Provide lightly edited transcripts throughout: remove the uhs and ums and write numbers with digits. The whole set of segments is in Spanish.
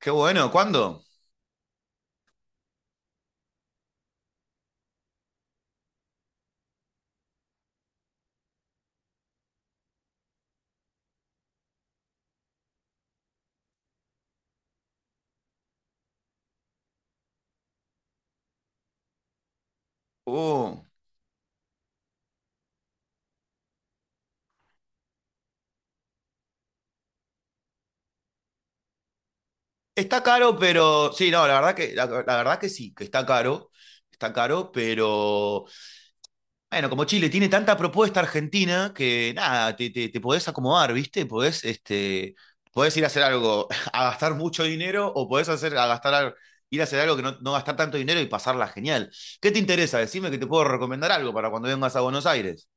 Qué bueno, ¿cuándo? Uh, Está caro, pero sí, no, la verdad que, la verdad que sí, que está caro, pero bueno, como Chile tiene tanta propuesta argentina que nada, te podés acomodar, ¿viste? Podés, este, podés ir a hacer algo, a gastar mucho dinero o podés hacer, a gastar, ir a hacer algo que no, no gastar tanto dinero y pasarla genial. ¿Qué te interesa? Decime que te puedo recomendar algo para cuando vengas a Buenos Aires.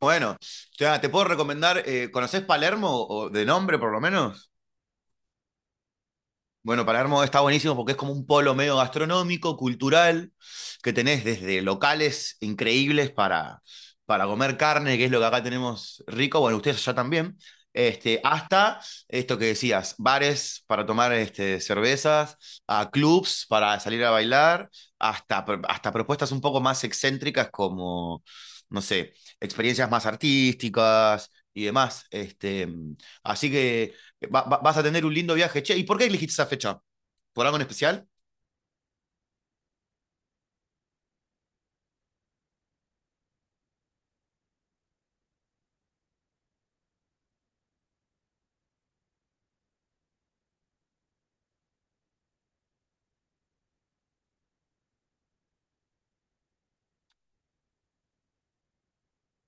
Bueno, o sea, te puedo recomendar, ¿conocés Palermo o de nombre por lo menos? Bueno, Palermo está buenísimo porque es como un polo medio gastronómico, cultural, que tenés desde locales increíbles para comer carne, que es lo que acá tenemos rico, bueno, ustedes allá también, este, hasta esto que decías, bares para tomar este, cervezas, a clubs para salir a bailar, hasta, hasta propuestas un poco más excéntricas como, no sé, experiencias más artísticas y demás. Este, así que vas a tener un lindo viaje. Che, ¿y por qué elegiste esa fecha? ¿Por algo en especial?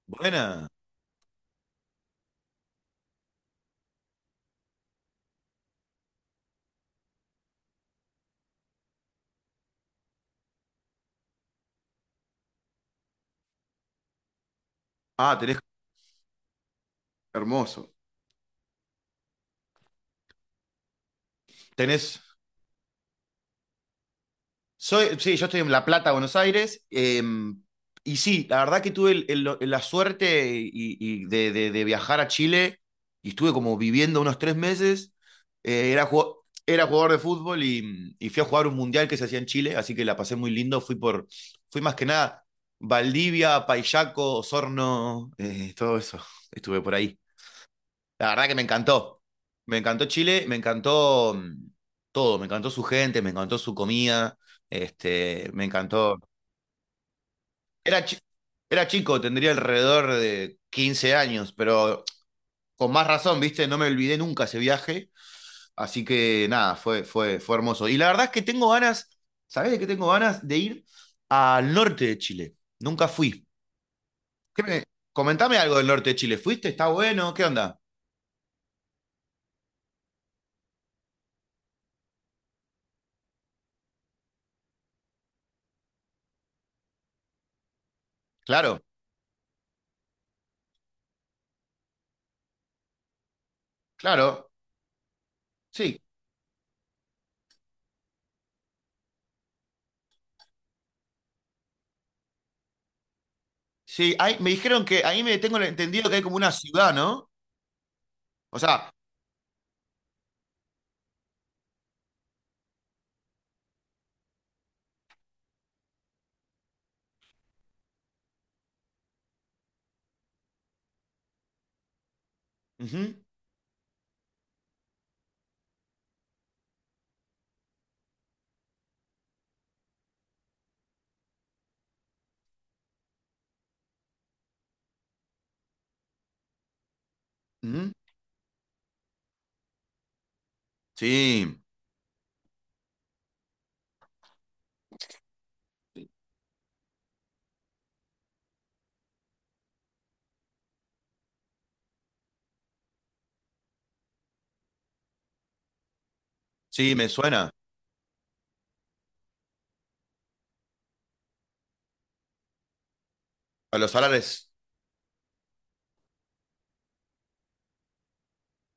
Buena. Ah, tenés hermoso. Tenés. Soy, sí, yo estoy en La Plata, Buenos Aires. Y sí, la verdad que tuve la suerte y de, de viajar a Chile y estuve como viviendo unos 3 meses. Era, era jugador de fútbol y fui a jugar un mundial que se hacía en Chile, así que la pasé muy lindo. Fui por, fui más que nada Valdivia, Payaco, Osorno, todo eso. Estuve por ahí. La verdad que me encantó. Me encantó Chile, me encantó todo, me encantó su gente, me encantó su comida, este, me encantó. Era, era chico, tendría alrededor de 15 años, pero con más razón, ¿viste? No me olvidé nunca ese viaje, así que nada, fue hermoso. Y la verdad es que tengo ganas, ¿sabés de qué tengo ganas? De ir al norte de Chile. Nunca fui. ¿Qué me- Comentame algo del norte de Chile. ¿Fuiste? ¿Está bueno? ¿Qué onda? Claro, claro. Sí, sí, ahí, me dijeron que ahí me tengo entendido que hay como una ciudad, ¿no? O sea, ujú, ujú, sí, sí, me suena. A los salares,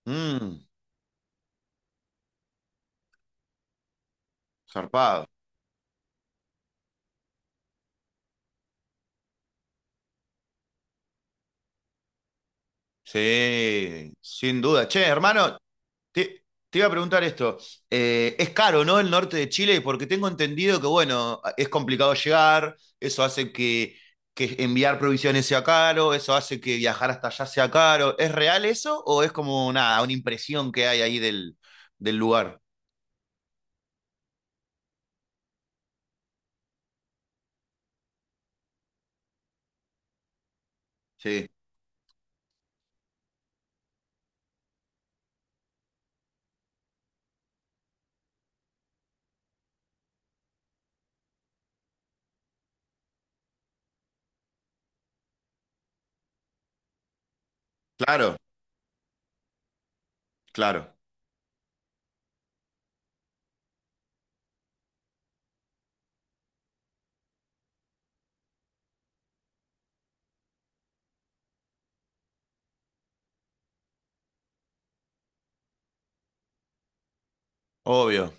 mm, zarpado. Sí, sin duda. Che, hermano, te, te iba a preguntar esto. Es caro, ¿no? El norte de Chile, porque tengo entendido que, bueno, es complicado llegar, eso hace que enviar provisiones sea caro, eso hace que viajar hasta allá sea caro. ¿Es real eso o es como nada, una impresión que hay ahí del, del lugar? Sí, claro, claro, obvio.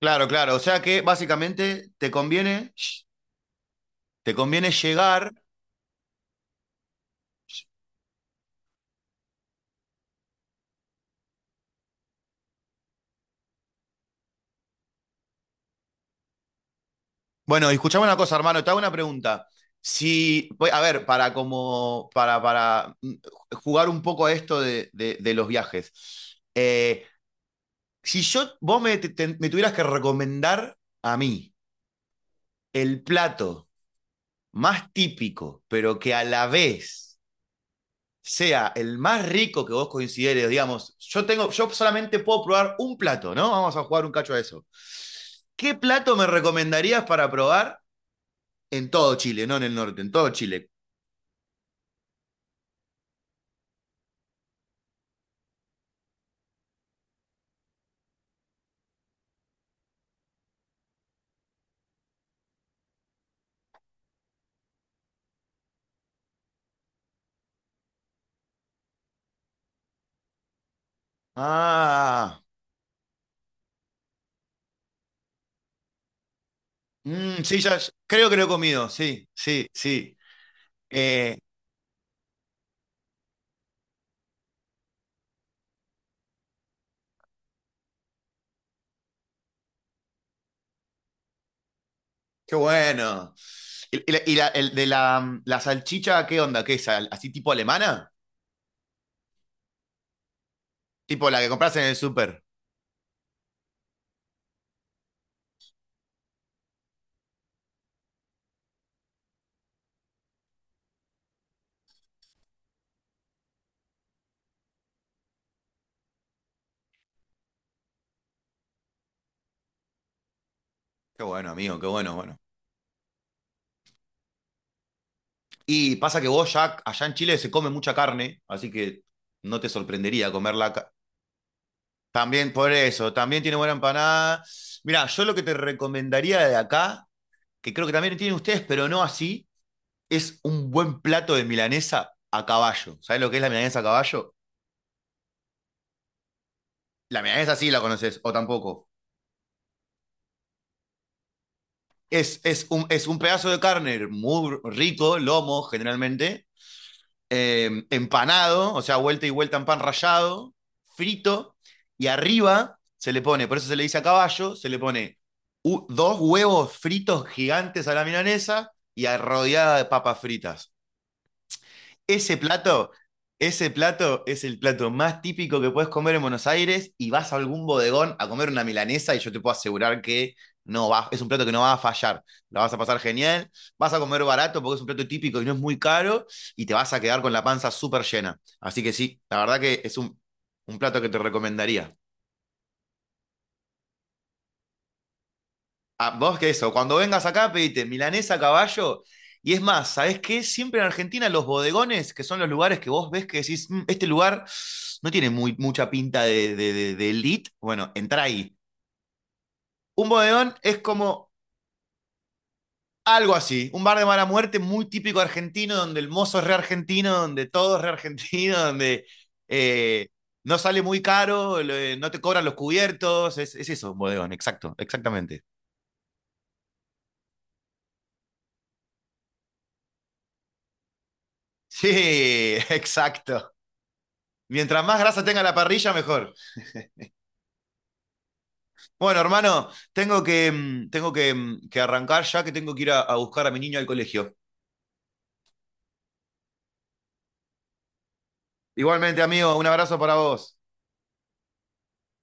Claro, claro. O sea que básicamente te conviene llegar. Bueno, y escuchame una cosa, hermano, te hago una pregunta. Si, pues, a ver, para como, para jugar un poco a esto de, de los viajes. Si yo, vos me, me tuvieras que recomendar a mí el plato más típico, pero que a la vez sea el más rico que vos consideres, digamos, yo tengo, yo solamente puedo probar un plato, ¿no? Vamos a jugar un cacho a eso. ¿Qué plato me recomendarías para probar en todo Chile, no en el norte, en todo Chile? Ah, mm, sí, ya, creo que lo he comido, sí, sí, sí. Eh, qué bueno. ¿Y, el de la, mm, la salchicha, qué onda? ¿Qué es? ¿Así tipo alemana? Tipo la que compras en el súper. Qué bueno, amigo, qué bueno, bueno. Y pasa que vos ya allá en Chile se come mucha carne, así que no te sorprendería comerla. También por eso, también tiene buena empanada. Mira, yo lo que te recomendaría de acá, que creo que también tienen ustedes, pero no así, es un buen plato de milanesa a caballo. ¿Sabes lo que es la milanesa a caballo? La milanesa sí la conoces, o tampoco. Es un pedazo de carne muy rico, lomo generalmente, empanado, o sea, vuelta y vuelta en pan rallado, frito, y arriba se le pone, por eso se le dice a caballo, se le pone dos huevos fritos gigantes a la milanesa y rodeada de papas fritas. Ese plato, ese plato es el plato más típico que puedes comer en Buenos Aires y vas a algún bodegón a comer una milanesa y yo te puedo asegurar que no va, es un plato que no va a fallar. La vas a pasar genial, vas a comer barato porque es un plato típico y no es muy caro y te vas a quedar con la panza súper llena. Así que sí, la verdad que es un plato que te recomendaría. Ah, vos que eso, cuando vengas acá pedite milanesa a caballo. Y es más, ¿sabés qué? Siempre en Argentina los bodegones, que son los lugares que vos ves que decís, "Mm, este lugar no tiene muy, mucha pinta de, de elite, bueno, entra ahí. Un bodegón es como algo así, un bar de mala muerte muy típico argentino, donde el mozo es re argentino, donde todo es re argentino, donde eh, no sale muy caro, no te cobran los cubiertos, es eso, un bodegón, exacto, exactamente. Sí, exacto. Mientras más grasa tenga la parrilla, mejor. Bueno, hermano, tengo que, que arrancar ya que tengo que ir a buscar a mi niño al colegio. Igualmente, amigo, un abrazo para vos.